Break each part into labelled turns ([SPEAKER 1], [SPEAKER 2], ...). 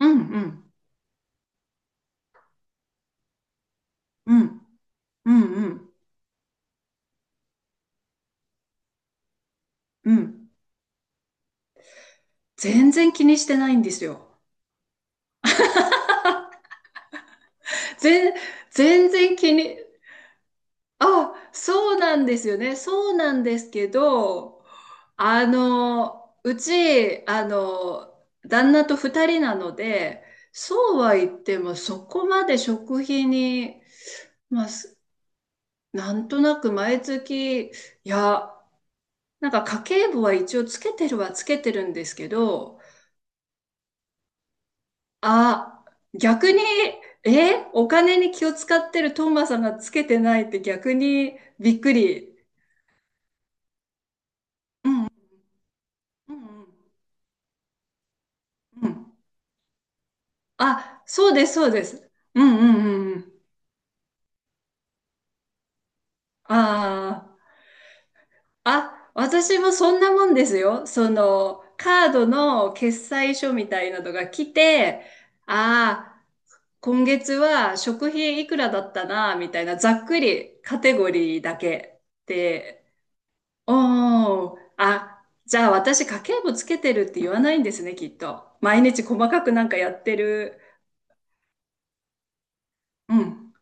[SPEAKER 1] うんうん。うん。うんうん。うん。全然気にしてないんですよ。全、全然気に、あ、そうなんですよね。そうなんですけど、うち、旦那と二人なので、そうは言っても、そこまで食費に、まあ、なんとなく毎月、いや、なんか家計簿は一応つけてるはつけてるんですけど、あ、逆に、え、お金に気を使ってるトーマさんがつけてないって逆にびっくり。うん、うん、うん。うん、あ、そうです、そうです。うん、うん、うん。ああ、あ、私もそんなもんですよ。その、カードの決済書みたいなのが来て、ああ、今月は食費いくらだったな、みたいな、ざっくりカテゴリーだけ。で、おー、あ、じゃあ私家計簿つけてるって言わないんですね、きっと。毎日細かくなんかやってる。うん、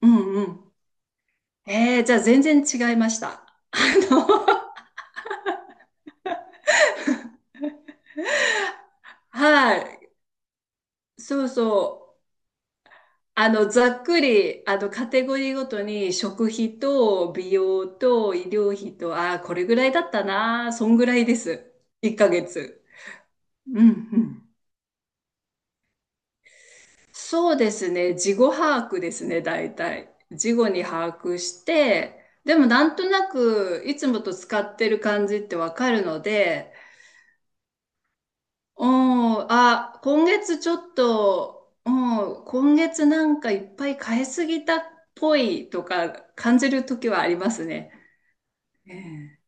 [SPEAKER 1] うん、うん。えー、じゃあ全然違いました。あの、はい。そうそう。ざっくり、カテゴリーごとに食費と美容と医療費と、ああこれぐらいだったな。そんぐらいです。1ヶ月。うん、うん、そうですね。事後把握ですね、大体。事後に把握して、でもなんとなくいつもと使ってる感じってわかるので、うん、あ、今月ちょっと、うん、今月なんかいっぱい買いすぎたっぽいとか感じる時はありますね。ええ、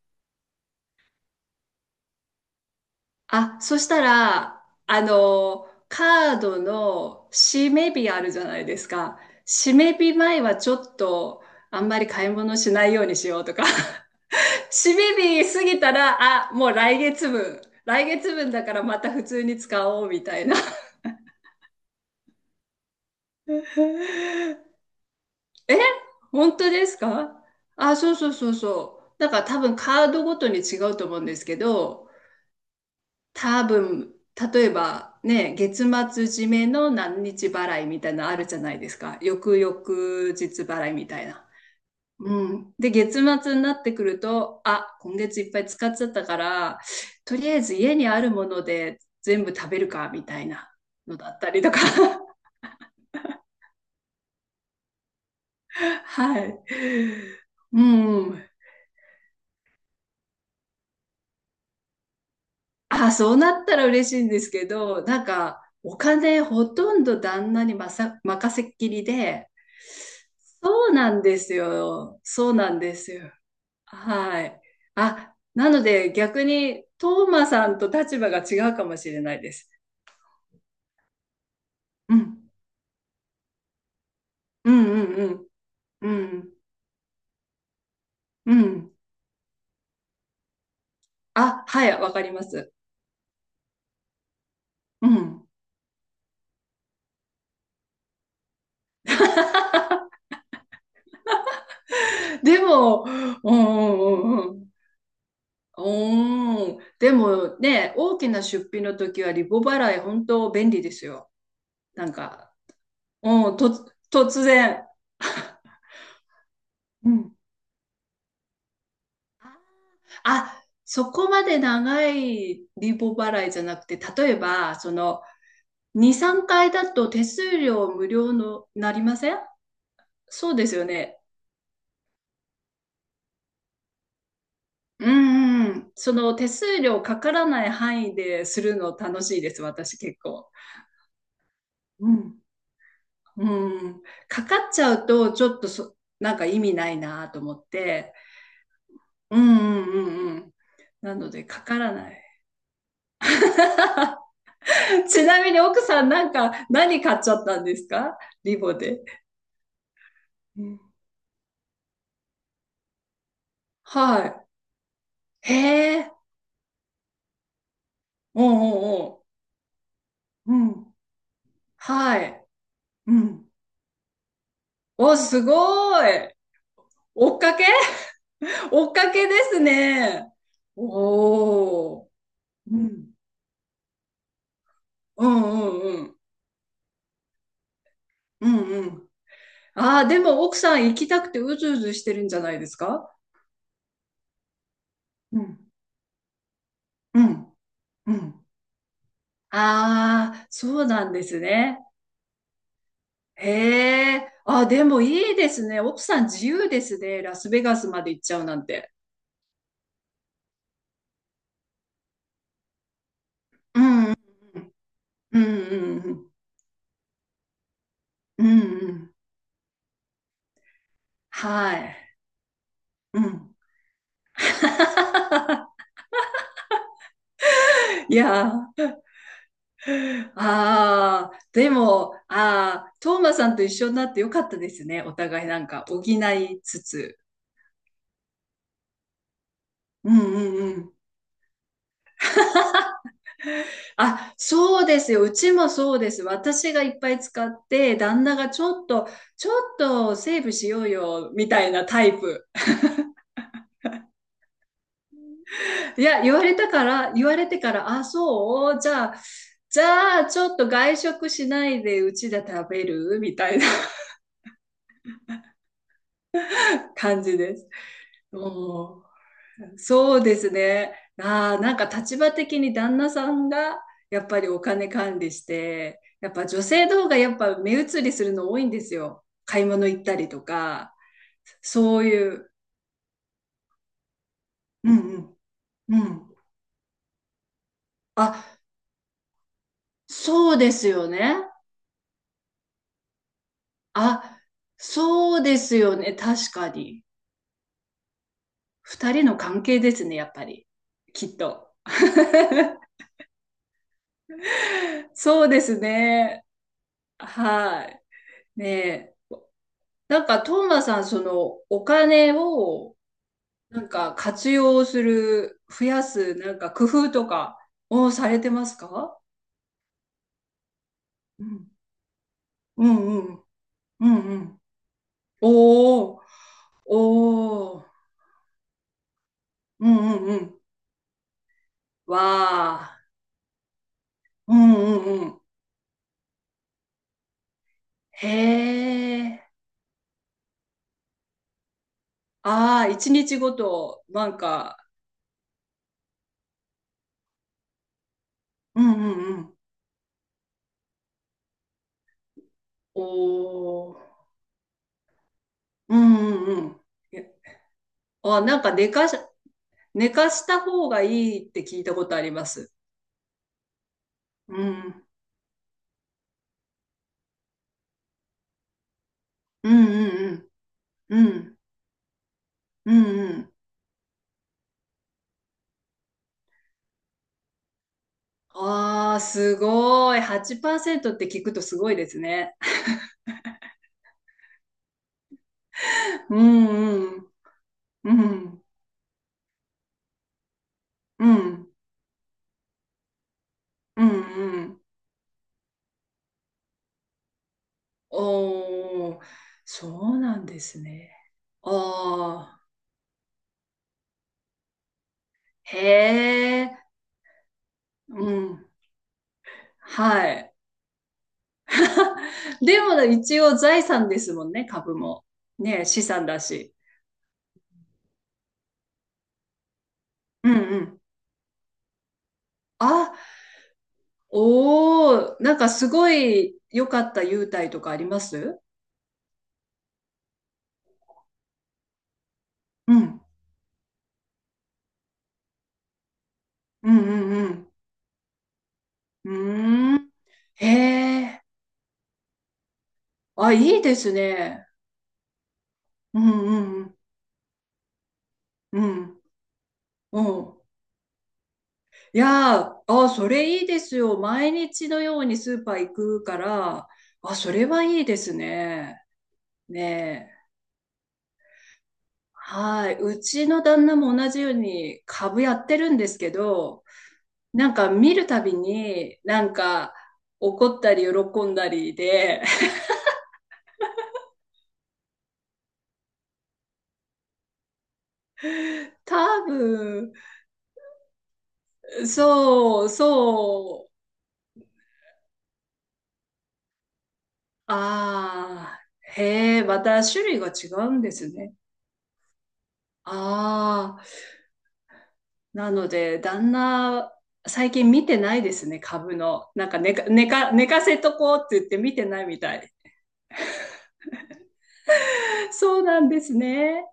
[SPEAKER 1] あ、そしたら、カードの締め日あるじゃないですか。締め日前はちょっと、あんまり買い物しないようにしようとか。締め日過ぎたら、あ、もう来月分。来月分だからまた普通に使おうみたいな。え、本当ですか。あ、そうそうそうそう。だから多分カードごとに違うと思うんですけど、多分、例えばね、月末締めの何日払いみたいなのあるじゃないですか。翌々日払いみたいな。うん。で、月末になってくると、あ、今月いっぱい使っちゃったから、とりあえず家にあるもので全部食べるか、みたいなのだったりとか。はい。うん。あ、そうなったら嬉しいんですけど、なんか、お金ほとんど旦那に任せっきりで、そうなんですよ。そうなんですよ。はい。あ、なので逆に、トーマさんと立場が違うかもしれないです。うん。うんうんうん。うん。うん。あ、はい、わかります。うん。でも、うんうんうんうん。おー、でもね、大きな出費の時はリボ払い本当便利ですよ。なんか、うん、と、突然。うん。あ、そこまで長いリボ払いじゃなくて、例えば、その、2、3回だと手数料無料のなりません、そうですよね。うんうん。その手数料かからない範囲でするの楽しいです、私結構。うんうん。かかっちゃうと、ちょっとそ、なんか意味ないなと思って。うんうんうんうん。なので、かからない。ちなみに奥さん、なんか、何買っちゃったんですか、リボで。うん、はい。へえ。おうおうおう。うん。はい。うん。お、すごい。追っかけ。 追っかけですね。おお。うん。うんうんうん。うんうん。ああ、でも奥さん行きたくてうずうずしてるんじゃないですか。うん、うん、うん。ああ、そうなんですね。へえ。あ、でもいいですね。奥さん自由ですね。ラスベガスまで行っちゃうなんて。うん、うん、うん、うん、うん、はい。うん。いやー、ああ、でも、ああ、トーマさんと一緒になってよかったですね。お互いなんか補いつつ。うんうん、あ、そうですよ。うちもそうです。私がいっぱい使って、旦那がちょっと、ちょっとセーブしようよ、みたいなタイプ。いや、言われてから、あ、そう、じゃあ、じゃあ、ちょっと外食しないでうちで食べるみたいな、 感じです。うん、そうですね。ああ、なんか立場的に旦那さんがやっぱりお金管理して、やっぱ女性の方がやっぱ目移りするの多いんですよ。買い物行ったりとか、そういう。うんうん。うん。あ、そうですよね。あ、そうですよね。確かに。二人の関係ですね、やっぱり。きっと。そうですね。はい。ねえ。なんか、トーマさん、その、お金をなんか活用する、増やす、なんか工夫とかをされてますか。うん。うんうん。うんうん。おー、おー。うんうんうん。わあ。うんうんうん。へえ。ああ、一日ごと、なんか、うんうんうん。おー。うんうんうん。え、あ、なんか寝かした方がいいって聞いたことあります。うん。うんうんうん。うん。うんうん。ああ、すごい。8%って聞くとすごいですね。うんうん。うん。うん。うんうん。おお、そうなんですね。ああ、へえ。うん。はい。でも一応財産ですもんね、株も。ね、資産だし。うんうん。あ、おお、なんかすごい良かった優待とかありますうん。うんうんうん。うーん。へえ。あ、いいですね。うんうんうん。うん。うん。いやー、あ、それいいですよ。毎日のようにスーパー行くから、あ、それはいいですね。ねえ。はい。うちの旦那も同じように株やってるんですけど、なんか見るたびに、なんか怒ったり喜んだりで、多分、そう、ああ、へえ、また種類が違うんですね。ああ、なので、旦那、最近見てないですね、株の。なんか寝かせとこうって言って見てないみたい。そうなんですね。